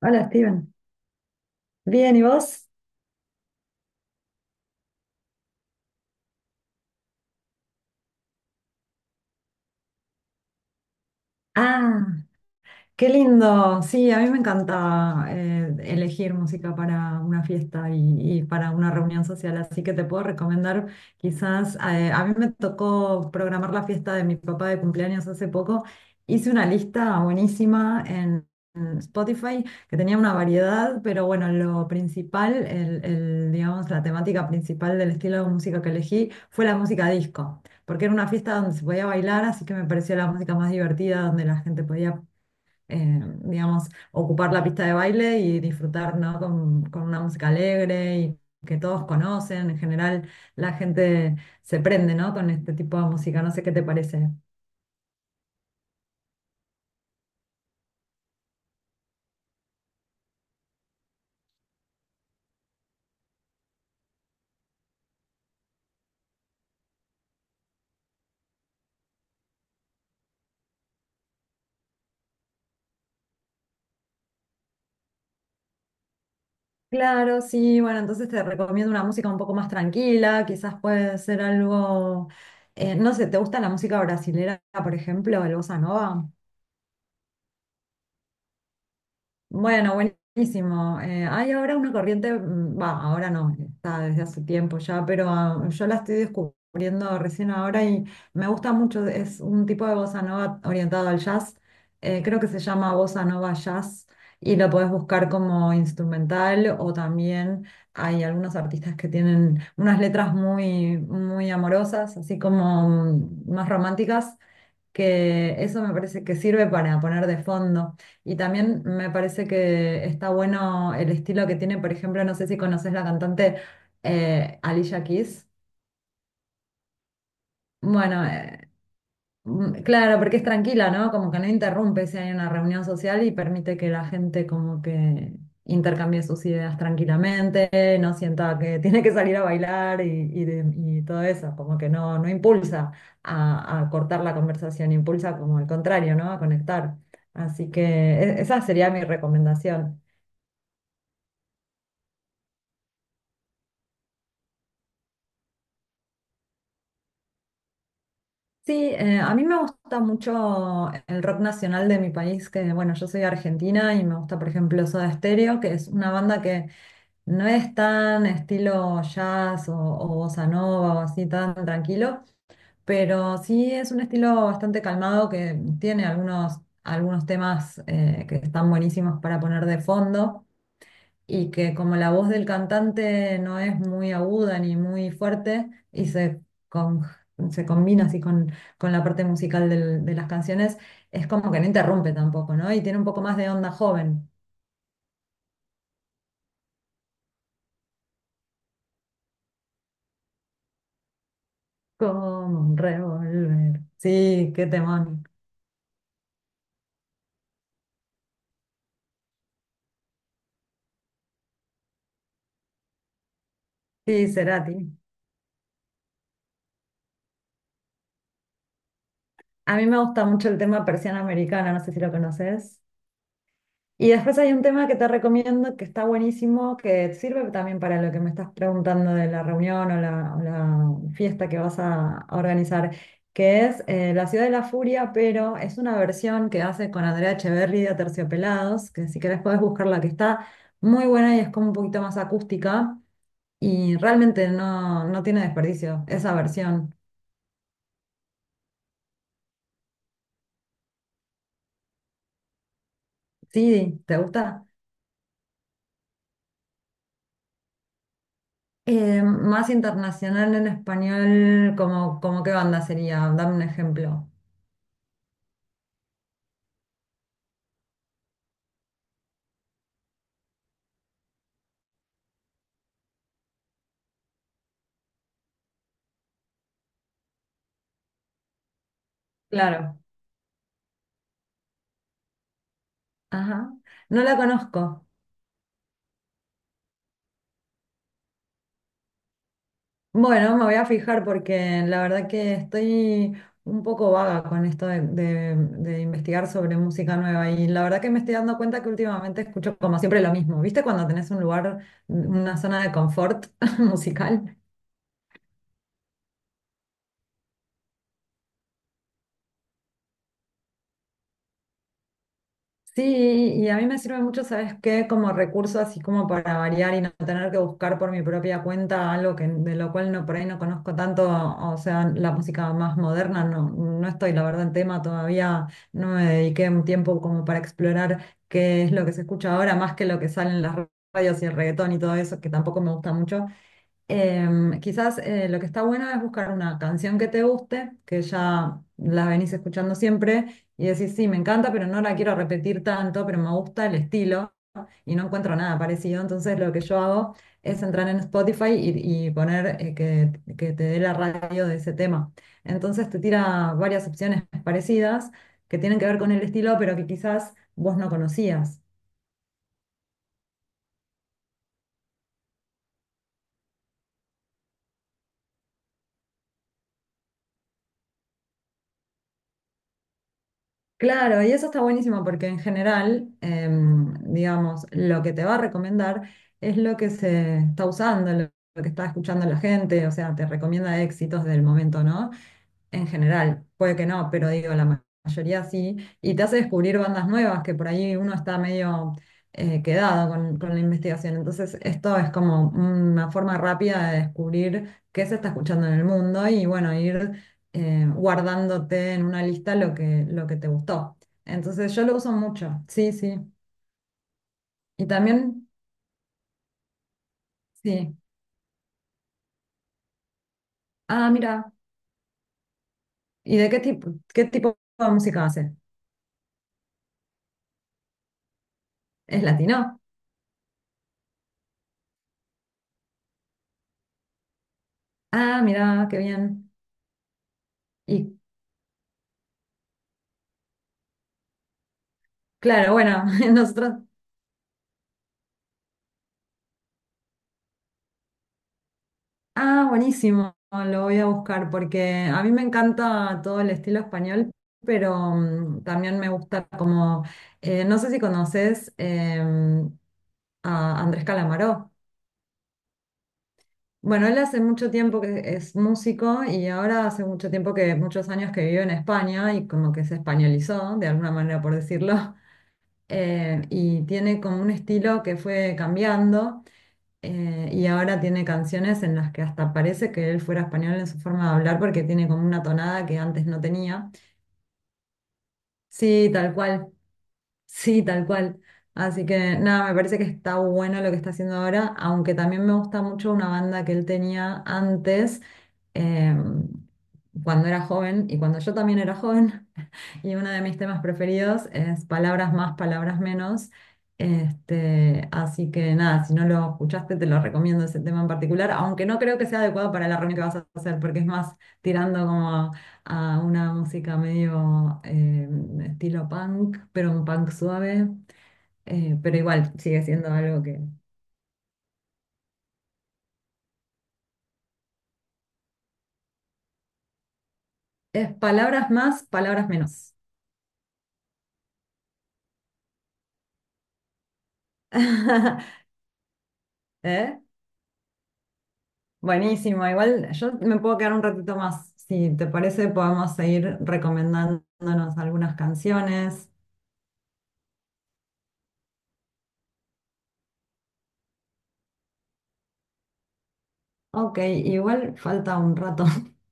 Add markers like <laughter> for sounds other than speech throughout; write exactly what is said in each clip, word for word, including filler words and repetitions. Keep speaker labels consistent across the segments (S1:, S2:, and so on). S1: Hola, Steven. Bien, ¿y vos? Ah, qué lindo, sí, a mí me encanta eh, elegir música para una fiesta y, y para una reunión social, así que te puedo recomendar quizás, eh, a mí me tocó programar la fiesta de mi papá de cumpleaños hace poco, hice una lista buenísima en, en Spotify que tenía una variedad, pero bueno, lo principal, el, el, digamos, la temática principal del estilo de música que elegí fue la música disco. Porque era una fiesta donde se podía bailar, así que me pareció la música más divertida, donde la gente podía eh, digamos, ocupar la pista de baile y disfrutar, ¿no? con, con una música alegre y que todos conocen. En general, la gente se prende, ¿no? Con este tipo de música. No sé qué te parece. Claro, sí, bueno, entonces te recomiendo una música un poco más tranquila, quizás puede ser algo, eh, no sé, ¿te gusta la música brasilera, por ejemplo, el bossa nova? Bueno, buenísimo. Eh, hay ahora una corriente, mm, va, ahora no, está desde hace tiempo ya, pero ah, yo la estoy descubriendo recién ahora y me gusta mucho. Es un tipo de bossa nova orientado al jazz. Eh, creo que se llama bossa nova jazz y lo podés buscar como instrumental o también hay algunos artistas que tienen unas letras muy, muy amorosas, así como mm, más románticas que eso me parece que sirve para poner de fondo. Y también me parece que está bueno el estilo que tiene, por ejemplo, no sé si conoces la cantante eh, Alicia Keys. Bueno, mm, claro, porque es tranquila, ¿no? Como que no interrumpe si hay una reunión social y permite que la gente como que intercambie sus ideas tranquilamente, no sienta que <laughs> tiene que salir a bailar y, y de- y todo eso, como que no, no impulsa a, a cortar la conversación, impulsa como al contrario, ¿no? A conectar. Así que e- esa sería mi recomendación. Sí, eh, a mí me gusta mucho el rock nacional de mi país, que bueno, yo soy argentina y me gusta, por ejemplo, Soda Stereo, que es una banda que no es tan estilo jazz o, o bossa nova o así tan tranquilo, pero sí es un estilo bastante calmado que tiene algunos, algunos temas eh, que están buenísimos para poner de fondo y que como la voz del cantante no es muy aguda ni muy fuerte y se, con- se combina así con, con la parte musical del- de las canciones, es como que no interrumpe tampoco, ¿no? Y tiene un poco más de onda joven. Como un revólver. Sí, qué temón. Sí, Cerati. A mí me gusta mucho el tema Persiana Americana, no sé si lo conoces. Y después hay un tema que te recomiendo que está buenísimo, que sirve también para lo que me estás preguntando de la reunión o la, o la fiesta que vas a, a organizar, que es eh, La Ciudad de la Furia, pero es una versión que hace con Andrea Echeverri de Aterciopelados, que si querés podés buscarla, que está muy buena y es como un poquito más acústica y realmente no, no tiene desperdicio esa versión. Sí, ¿te gusta? Eh, más internacional en español, como, como qué banda sería, dame un ejemplo. Claro. Ajá, no la conozco. Bueno, me voy a fijar porque la verdad que estoy un poco vaga con esto de, de- de investigar sobre música nueva y la verdad que me estoy dando cuenta que últimamente escucho como siempre lo mismo. ¿Viste cuando tenés un lugar, una zona de confort <laughs> musical? Sí, y a mí me sirve mucho, ¿sabes qué? Como recurso, así como para variar y no tener que buscar por mi propia cuenta algo que, de lo cual no, por ahí no conozco tanto, o sea, la música más moderna, no, no estoy, la verdad, en tema todavía, no me dediqué un tiempo como para explorar qué es lo que se escucha ahora, más que lo que sale en las radios y el reggaetón y todo eso, que tampoco me gusta mucho. Em, quizás eh, lo que está bueno es buscar una canción que te guste, que ya la venís escuchando siempre y decís, sí, me encanta, pero no la quiero repetir tanto, pero me gusta el estilo y no encuentro nada parecido. Entonces lo que yo hago es entrar en Spotify y, y poner eh, que, que te dé la radio de ese tema. Entonces te tira varias opciones parecidas que tienen que ver con el estilo, pero que quizás vos no conocías. Claro, y eso está buenísimo porque en general, em, digamos, lo que te va a recomendar es lo que se está usando, lo, lo que está escuchando la gente, o sea, te recomienda éxitos del momento, ¿no? En general, puede que no, pero digo, la ma- mayoría sí, y te hace descubrir bandas nuevas que por ahí uno está medio eh, quedado con, con la investigación. Entonces, esto es como una forma rápida de descubrir qué se está escuchando en el mundo y bueno, ir eh, guardándote en una lista lo que, lo que te gustó. Entonces, yo lo uso mucho, sí, sí. Y también, sí. Ah, mira, ¿y de qué tipo, qué tipo de música hace? ¿Es latino? Ah, mira, qué bien. ¿Y claro, bueno, <laughs> nosotros... Ah, buenísimo, lo voy a buscar porque a mí me encanta todo el estilo español, pero mm, también me gusta como, eh, no sé si conoces em, a Andrés Calamaro. Bueno, él hace mucho tiempo que es músico y ahora hace mucho tiempo que, muchos años que vive en España y como que se españolizó, de alguna manera por decirlo, <laughs> eh, y tiene como un estilo que fue cambiando. Eh, y ahora tiene canciones en las que hasta parece que él fuera español en su forma de hablar porque tiene como una tonada que antes no tenía. Sí, tal cual, sí, tal cual. Así que nada, me parece que está bueno lo que está haciendo ahora, aunque también me gusta mucho una banda que él tenía antes, eh, cuando era joven y cuando yo también era joven, y uno de mis temas preferidos es Palabras más, palabras menos. Este, así que nada, si no lo escuchaste, te lo recomiendo ese tema en particular, aunque no creo que sea adecuado para la reunión que vas a hacer, porque es más tirando como a una música medio eh, estilo punk, pero un punk suave. Eh, pero igual sigue siendo algo que es palabras más, palabras menos. <laughs> ¿Eh? Buenísimo, igual yo me puedo quedar un ratito más. Si te parece, podemos seguir recomendándonos algunas canciones. Ok, igual falta un rato. <laughs>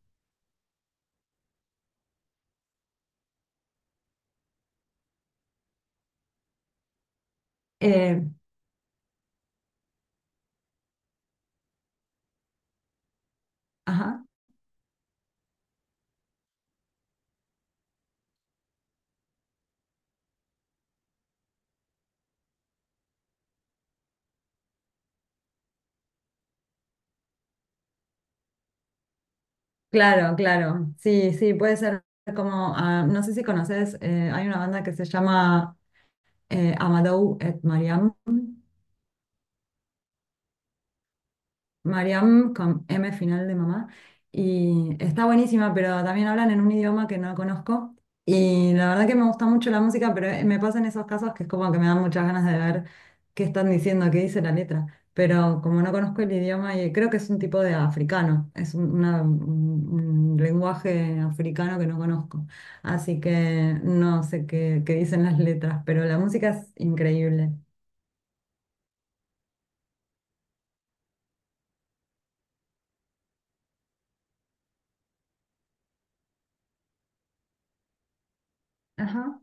S1: Eh, ajá, claro, claro. Sí, sí, puede ser como, ah, no sé si conoces, eh, hay una banda que se llama eh, Amadou et Mariam. Mariam con M final de mamá. Y está buenísima, pero también hablan en un idioma que no conozco. Y la verdad que me gusta mucho la música, pero eh, me pasan esos casos que es como que me dan muchas ganas de ver qué están diciendo, qué dice la letra. Pero como no conozco el idioma, y creo que es un tipo de africano, es un, una- un- un lenguaje africano que no conozco. Así que no sé qué, qué dicen las letras, pero la música es increíble. Ajá.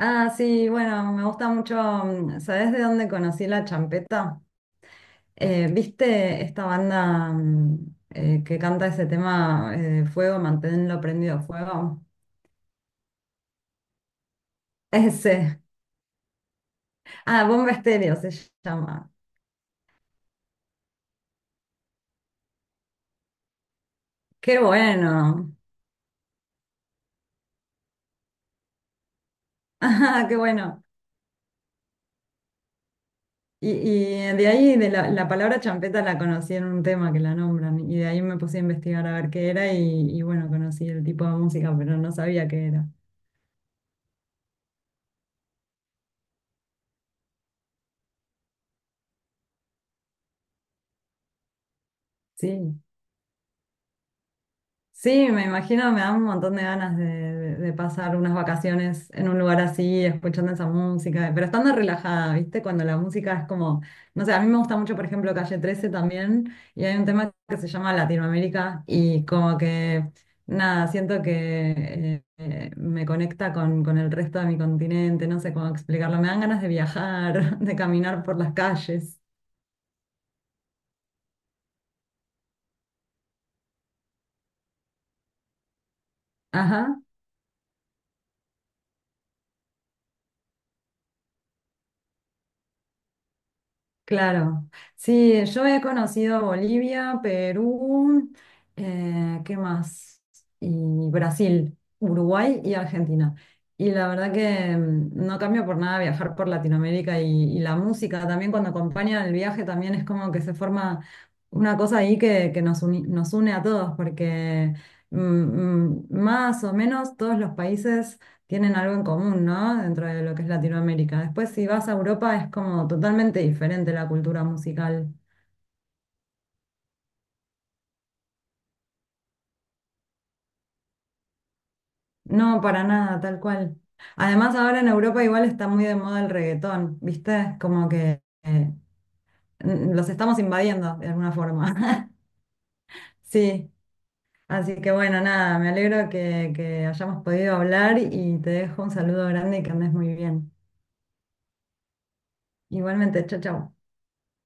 S1: Ah, sí, bueno, me gusta mucho. mm, ¿Sabés de dónde conocí la champeta? Eh, ¿viste esta banda mm, eh, que canta ese tema eh, Fuego, manténlo prendido fuego? <laughs> Ese. Ah, Bomba Estéreo se llama. Qué bueno. <laughs> Ah, qué bueno. Y, y de ahí, de la, la palabra champeta la conocí en un tema que la nombran. Y de ahí me puse a investigar a ver qué era. Y, y bueno, conocí el tipo de música, pero no sabía qué era. Sí. Sí, me imagino, me dan un montón de ganas de, de- de pasar unas vacaciones en un lugar así, escuchando esa música, pero estando relajada, ¿viste? Cuando la música es como, no sé, a mí me gusta mucho, por ejemplo, Calle trece también, y hay un tema que se llama Latinoamérica, y como que, nada, siento que eh, eh, me conecta con, con el resto de mi continente, no sé cómo explicarlo, me dan ganas de viajar, <laughs> de caminar por las calles. Ajá. Claro, sí, yo he conocido Bolivia, Perú, eh, ¿qué más? Y Brasil, Uruguay y Argentina. Y la verdad que mm, no cambio por nada viajar por Latinoamérica y, y la música también cuando acompaña el viaje también es como que se forma una cosa ahí que, que nos uni- nos une a todos porque mm, mm, más o menos todos los países tienen algo en común, ¿no? Dentro de lo que es Latinoamérica. Después, si vas a Europa, es como totalmente diferente la cultura musical. No, para nada, tal cual. Además, ahora en Europa igual está muy de moda el reggaetón, ¿viste? Como que eh, n- los estamos invadiendo de alguna forma. <laughs> Sí, así que bueno, nada, me alegro que, que hayamos podido hablar y te dejo un saludo grande y que andes muy bien. Igualmente, chao, chao.